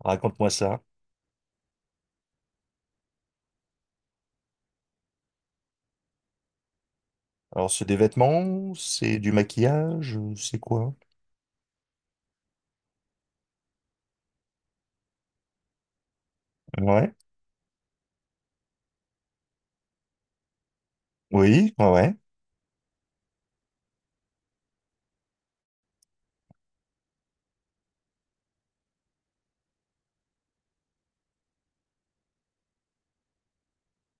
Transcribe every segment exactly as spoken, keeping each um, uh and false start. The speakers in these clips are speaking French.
Raconte-moi ça. Alors, c'est des vêtements, c'est du maquillage, c'est quoi? Ouais. Oui, ouais, ouais.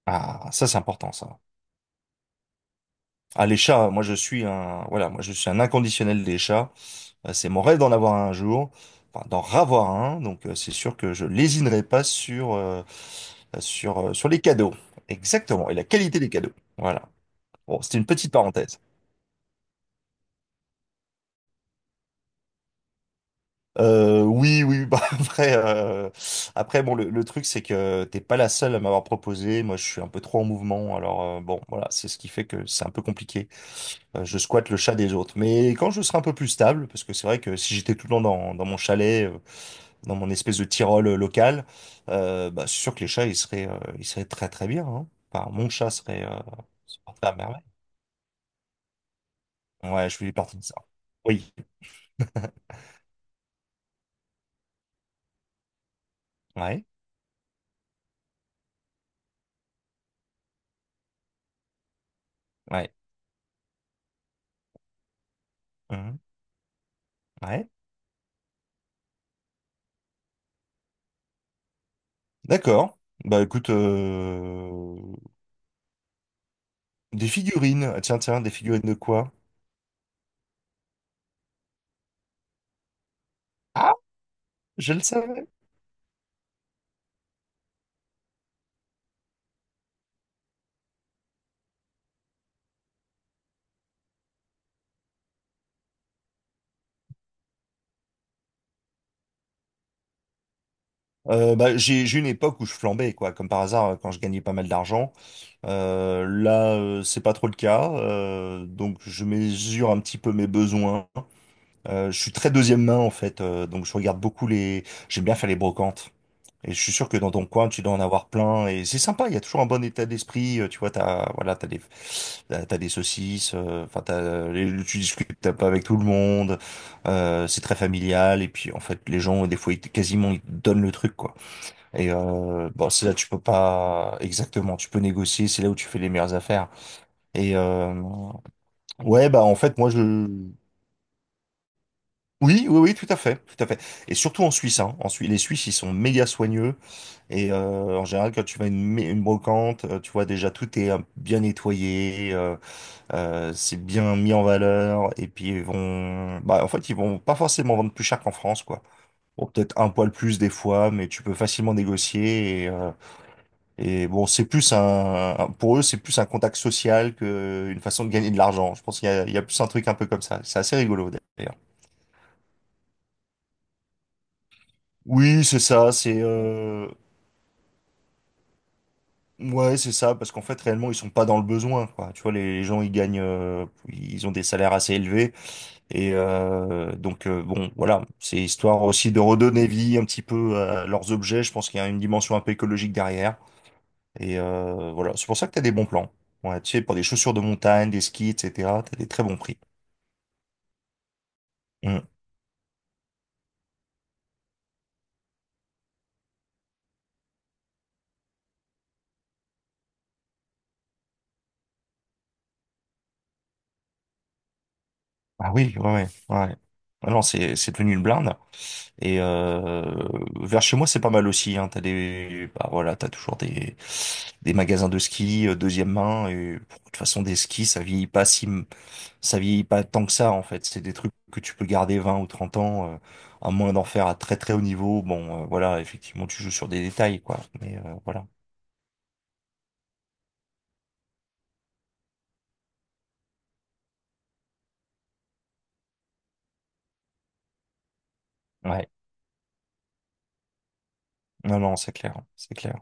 Ah, ça, c'est important, ça. Ah, les chats, moi, je suis un, voilà, moi, je suis un inconditionnel des chats. Euh, C'est mon rêve d'en avoir un un jour. Enfin, d'en ravoir un. Donc, euh, c'est sûr que je lésinerai pas sur, euh, sur, euh, sur les cadeaux. Exactement. Et la qualité des cadeaux. Voilà. Bon, c'était une petite parenthèse. Euh, oui, oui, bah après, euh, après bon, le, le truc c'est que t'es pas la seule à m'avoir proposé. Moi, je suis un peu trop en mouvement, alors euh, bon, voilà, c'est ce qui fait que c'est un peu compliqué. Euh, je squatte le chat des autres. Mais quand je serai un peu plus stable, parce que c'est vrai que si j'étais tout le temps dans, dans mon chalet, euh, dans mon espèce de Tyrol euh, local, euh, bah, c'est sûr que les chats ils seraient, euh, ils seraient très très bien. Hein. Enfin, mon chat serait, euh, se porterait à merveille. Ouais, je suis parti de ça. Oui, ouais, ouais, Mhm. ouais. D'accord. Bah écoute, euh, des figurines. Ah, tiens, tiens, des figurines de quoi? Ah, je le savais. Euh, bah, j'ai j'ai une époque où je flambais, quoi, comme par hasard, euh, quand je gagnais pas mal d'argent. Euh, là, euh, c'est pas trop le cas. Euh, donc, je mesure un petit peu mes besoins. Euh, je suis très deuxième main, en fait. euh, donc, je regarde beaucoup les J'aime bien faire les brocantes. Et je suis sûr que dans ton coin, tu dois en avoir plein. Et c'est sympa, il y a toujours un bon état d'esprit. euh, Tu vois, t'as, voilà, t'as des, t'as t'as des saucisses. euh, Enfin, t'as, les- tu discutes un peu avec tout le monde. euh, c'est très familial. Et puis, en fait, les gens, des fois, ils, te- quasiment, ils te donnent le truc, quoi. Et euh, bon, c'est là, tu peux pas exactement. Tu peux négocier. C'est là où tu fais les meilleures affaires. Et euh, ouais, bah, en fait, moi, je, oui, oui, oui, tout à fait, tout à fait. Et surtout en Suisse, hein. En Suisse, les Suisses, ils sont méga soigneux. Et euh, en général, quand tu vas à une, une brocante, euh, tu vois déjà tout est euh, bien nettoyé, euh, euh, c'est bien mis en valeur. Et puis ils vont, bah en fait ils vont pas forcément vendre plus cher qu'en France, quoi. Bon, peut-être un poil plus des fois, mais tu peux facilement négocier. Et, euh, et bon, c'est plus un, un- pour eux c'est plus un contact social que une façon de gagner de l'argent. Je pense qu'il y a, il y a plus un truc un peu comme ça. C'est assez rigolo d'ailleurs. Oui, c'est ça. C'est euh, Ouais, c'est ça, parce qu'en fait, réellement, ils sont pas dans le besoin, quoi. Tu vois, les gens, ils gagnent, euh, ils ont des salaires assez élevés, et euh, donc euh, bon, voilà, c'est histoire aussi de redonner vie un petit peu à leurs objets. Je pense qu'il y a une dimension un peu écologique derrière, et euh, voilà, c'est pour ça que t'as des bons plans. Ouais, tu sais, pour des chaussures de montagne, des skis, et cetera, t'as des très bons prix. Mm. Ah oui, ouais, ouais, ouais. Ah non, c'est c'est devenu une blinde. Et euh, vers chez moi, c'est pas mal aussi. Hein. T'as des, bah voilà, t'as toujours des des magasins de ski euh, deuxième main. Et pff, de toute façon, des skis, ça vieillit pas si m- ça vieillit pas tant que ça en fait. C'est des trucs que tu peux garder vingt ou trente ans, euh, à moins d'en faire à très très haut niveau. Bon, euh, voilà, effectivement, tu joues sur des détails quoi. Mais euh, voilà, ouais. Non, non, c'est clair, c'est clair.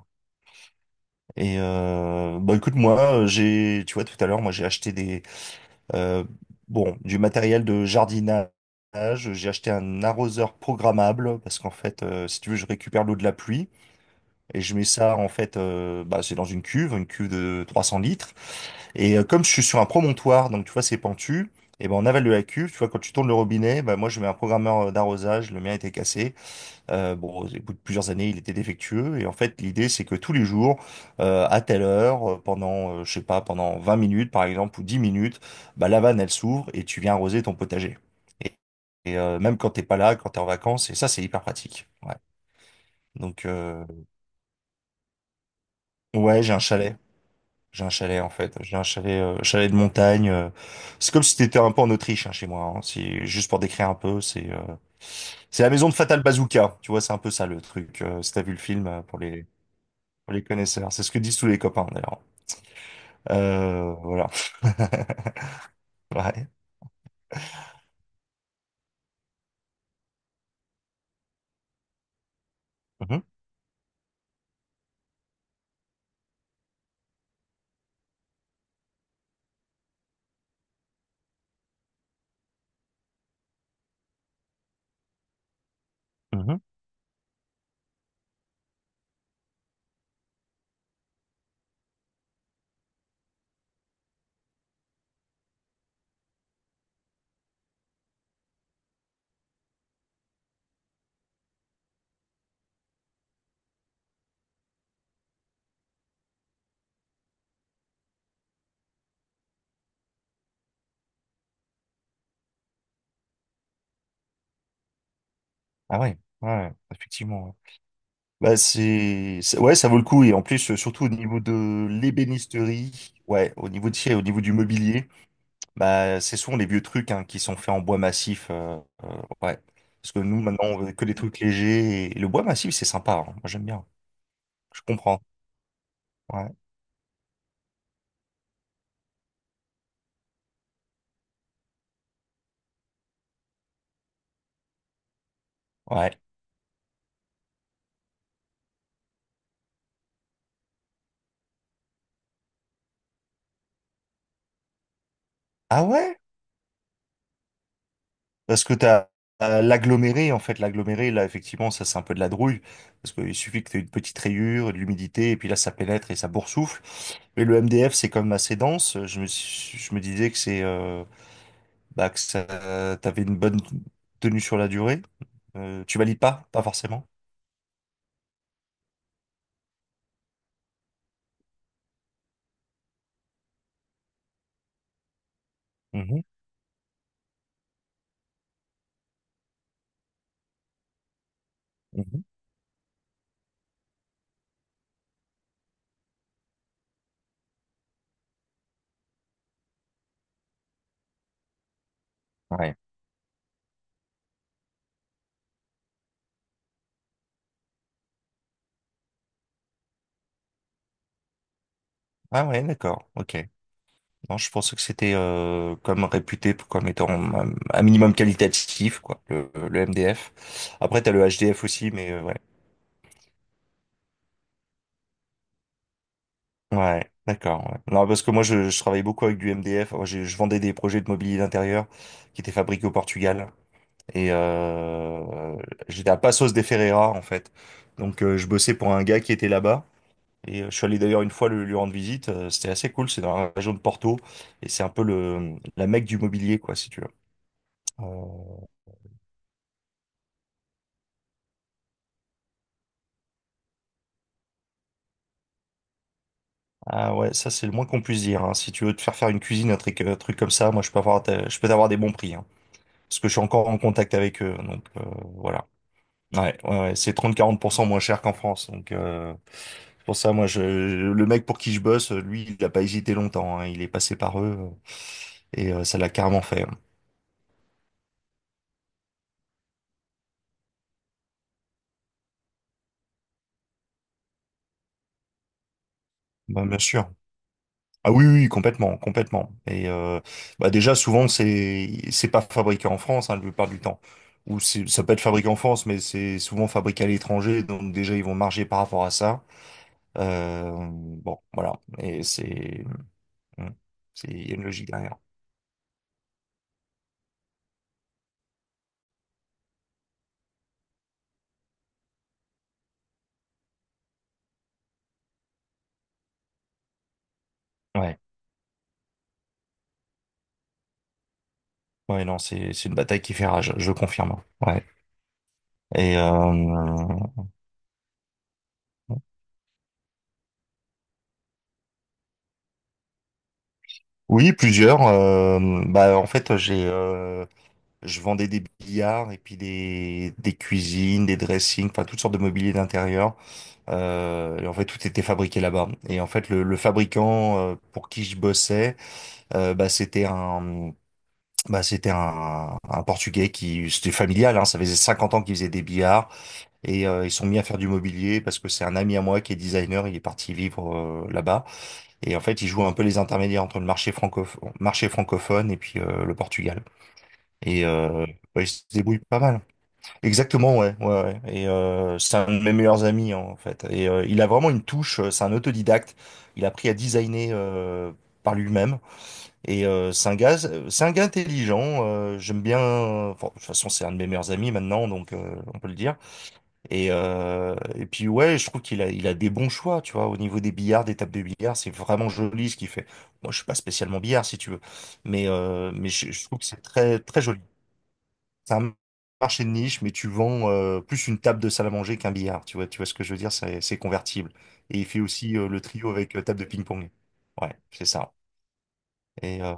Et euh, bah écoute, moi, euh, j'ai, tu vois, tout à l'heure, moi, j'ai acheté des Euh, bon, du matériel de jardinage. J'ai acheté un arroseur programmable parce qu'en fait, euh, si tu veux, je récupère l'eau de la pluie et je mets ça en fait, euh, bah, c'est dans une cuve, une cuve de trois cents litres. Et euh, comme je suis sur un promontoire, donc tu vois, c'est pentu. Et ben en aval de la cuve, tu vois, quand tu tournes le robinet, bah, moi je mets un programmeur euh, d'arrosage, le mien était cassé, euh, bon, au bout de plusieurs années, il était défectueux. Et en fait, l'idée, c'est que tous les jours, euh, à telle heure, euh, pendant, euh, je sais pas, pendant vingt minutes, par exemple, ou dix minutes, bah, la vanne, elle s'ouvre et tu viens arroser ton potager. Et, et, euh, même quand t'es pas là, quand t'es en vacances, et ça, c'est hyper pratique. Ouais. Donc, euh, ouais, j'ai un chalet. J'ai un chalet, en fait. J'ai un chalet, euh, chalet de montagne. euh. C'est comme si t'étais un peu en Autriche, hein, chez moi. Hein. C'est juste pour décrire un peu, c'est... euh, C'est la maison de Fatal Bazooka, tu vois, c'est un peu ça le truc. Euh, si t'as vu le film euh, pour les, pour les connaisseurs. C'est ce que disent tous les copains, d'ailleurs. Euh, voilà. Ouais. Mhm, mhm. Ah ouais, ouais, ouais. Effectivement. Ouais. Bah c'est, c'est- ouais, ça vaut le coup et en plus euh, surtout au niveau de l'ébénisterie, ouais, au niveau de, chez- au niveau du mobilier, bah c'est souvent les vieux trucs hein, qui sont faits en bois massif, euh, euh, ouais. Parce que nous maintenant on veut que des trucs légers et le bois massif c'est sympa, hein. Moi j'aime bien. Je comprends. Ouais, ouais. Ah ouais? Parce que t'as as l'aggloméré, en fait, l'aggloméré, là, effectivement, ça, c'est un peu de la douille, parce qu'il suffit que t'aies une petite rayure, de l'humidité, et puis là, ça pénètre et ça boursoufle. Mais le M D F, c'est quand même assez dense. Je me, suis- je me disais que c'est, euh, bah, que ça, t'avais une bonne tenue sur la durée. Euh, tu valides pas? Pas forcément. Mhm, mhm. Ouais. Ah ouais, d'accord, ok. Non, je pensais que c'était euh, comme réputé pour- comme étant un, un minimum qualitatif, quoi, le, le M D F. Après, t'as le H D F aussi, mais euh, ouais. Ouais, d'accord. Ouais. Non, parce que moi, je, je travaillais beaucoup avec du M D F. Moi, j'ai- je, vendais des projets de mobilier d'intérieur qui étaient fabriqués au Portugal. Et euh, j'étais à Passos de Ferreira, en fait. Donc, euh, je bossais pour un gars qui était là-bas. Et euh, je suis allé d'ailleurs une fois le- lui rendre visite. Euh, C'était assez cool. C'est dans la région de Porto. Et c'est un peu le, la Mecque du mobilier, quoi, si tu veux. Euh, ah ouais, ça, c'est le moins qu'on puisse dire. Hein. Si tu veux te faire faire une cuisine, un truc, un truc comme ça, moi, je peux avoir, ta- je peux t'avoir des bons prix. Hein. Parce que je suis encore en contact avec eux. Donc, euh, voilà. Ouais, ouais, ouais, c'est trente quarante pour cent moins cher qu'en France. Donc euh, c'est pour ça, moi, je, le mec pour qui je bosse, lui, il a pas hésité longtemps. Hein. Il est passé par eux euh, et euh, ça l'a carrément fait. Hein. Bah, bien sûr. Ah oui, oui, oui, complètement, complètement. Et euh, bah déjà, souvent, c'est c'est pas fabriqué en France, hein, la plupart du temps. Ou c'est- ça peut être fabriqué en France, mais c'est souvent fabriqué à l'étranger. Donc déjà, ils vont marger par rapport à ça. Euh, bon, voilà. Et c'est hmm, c'est il y a une logique derrière. Ouais. Ouais, non, c'est c'est une bataille qui fait rage, je confirme. Ouais. Et euh, oui, plusieurs. euh, bah, en fait, j'ai euh, je vendais des billards et puis des des cuisines, des dressings, enfin toutes sortes de mobilier d'intérieur. Euh, et en fait, tout était fabriqué là-bas. Et en fait, le, le fabricant euh, pour qui je bossais, euh, bah c'était un Bah, c'était un, un Portugais qui, c'était familial, hein, ça faisait cinquante ans qu'il faisait des billards. Et euh, ils sont mis à faire du mobilier parce que c'est un ami à moi qui est designer, il est parti vivre euh, là-bas. Et en fait, ils jouent un peu les intermédiaires entre le marché francophone, marché francophone et puis euh, le Portugal. Et euh, ouais, ils se débrouillent pas mal. Exactement, ouais, ouais, ouais. Et euh, c'est un de mes meilleurs amis hein, en fait. Et euh, il a vraiment une touche, euh, c'est un autodidacte. Il a appris à designer euh, par lui-même. Et euh, c'est un gars, c'est un gars intelligent. euh, j'aime bien. Enfin, de toute façon, c'est un de mes meilleurs amis maintenant, donc euh, on peut le dire. Et, euh, et puis ouais, je trouve qu'il a, il a des bons choix, tu vois, au niveau des billards, des tables de billard, c'est vraiment joli ce qu'il fait. Moi, je suis pas spécialement billard, si tu veux, mais euh, mais je, je trouve que c'est très très joli. C'est un marché de niche, mais tu vends euh, plus une table de salle à manger qu'un billard, tu vois, tu vois ce que je veux dire, c'est c'est convertible. Et il fait aussi euh, le trio avec euh, table de ping-pong. Ouais, c'est ça. Et euh,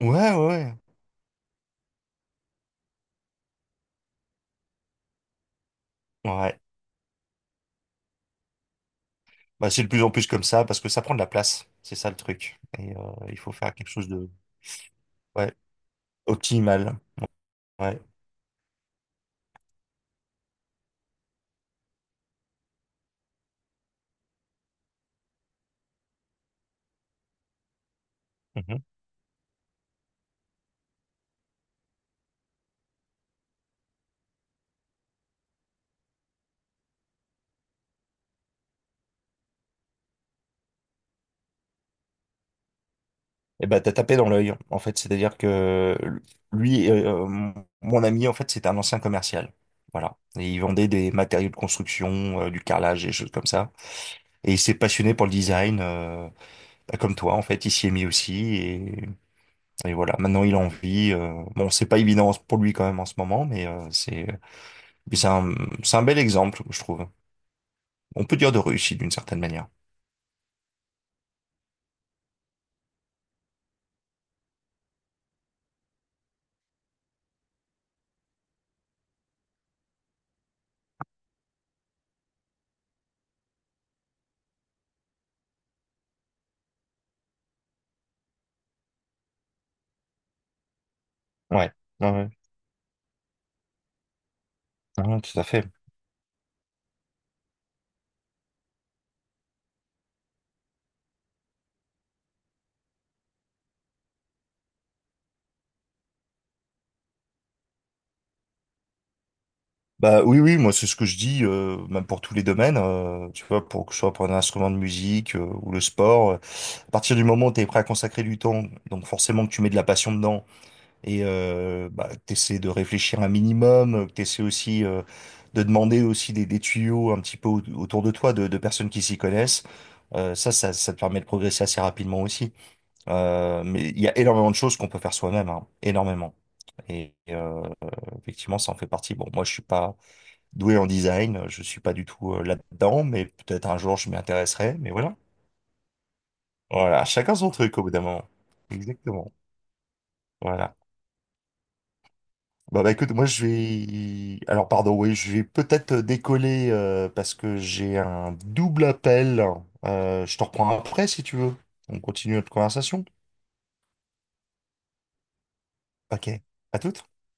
ouais, ouais, ouais. Ouais. Bah, c'est de plus en plus comme ça parce que ça prend de la place, c'est ça le truc. Et euh, il faut faire quelque chose de ouais optimal. Ouais. Et bah t'as tapé dans l'œil, en fait. C'est-à-dire que lui, euh, euh, mon mon ami, en fait, c'était un ancien commercial. Voilà. Et il vendait des matériaux de construction, euh, du carrelage, des choses comme ça. Et il s'est passionné pour le design, euh, bah, comme toi, en fait. Il s'y est mis aussi. Et, et voilà. Maintenant, il en vit. euh. Bon, c'est pas évident pour lui quand même en ce moment, mais euh, c'est mais c'est un, c'est un bel exemple, je trouve. On peut dire de réussite d'une certaine manière. Ouais. Ouais, ouais. Ouais, tout à fait. Bah oui, oui, moi c'est ce que je dis, euh, même pour tous les domaines, euh, tu vois, pour que ce soit pour un instrument de musique euh, ou le sport. euh, à partir du moment où tu es prêt à consacrer du temps, donc forcément que tu mets de la passion dedans et euh, bah, que t'essaies de réfléchir un minimum, euh, que t'essaies aussi euh, de demander aussi des, des tuyaux un petit peu au- autour de toi, de, de personnes qui s'y connaissent. euh, ça, ça, ça te permet de progresser assez rapidement aussi. Euh, mais il y a énormément de choses qu'on peut faire soi-même, hein, énormément. Et euh, effectivement, ça en fait partie. Bon, moi, je suis pas doué en design. euh, Je suis pas du tout euh, là-dedans, mais peut-être un jour je m'y intéresserai. Mais voilà. Voilà, chacun son truc au bout d'un moment. Exactement. Voilà. Bah, bah écoute, moi je vais Alors pardon, oui, je vais peut-être euh, décoller euh, parce que j'ai un double appel. Euh, je te reprends après si tu veux. On continue notre conversation. Ok. À toute.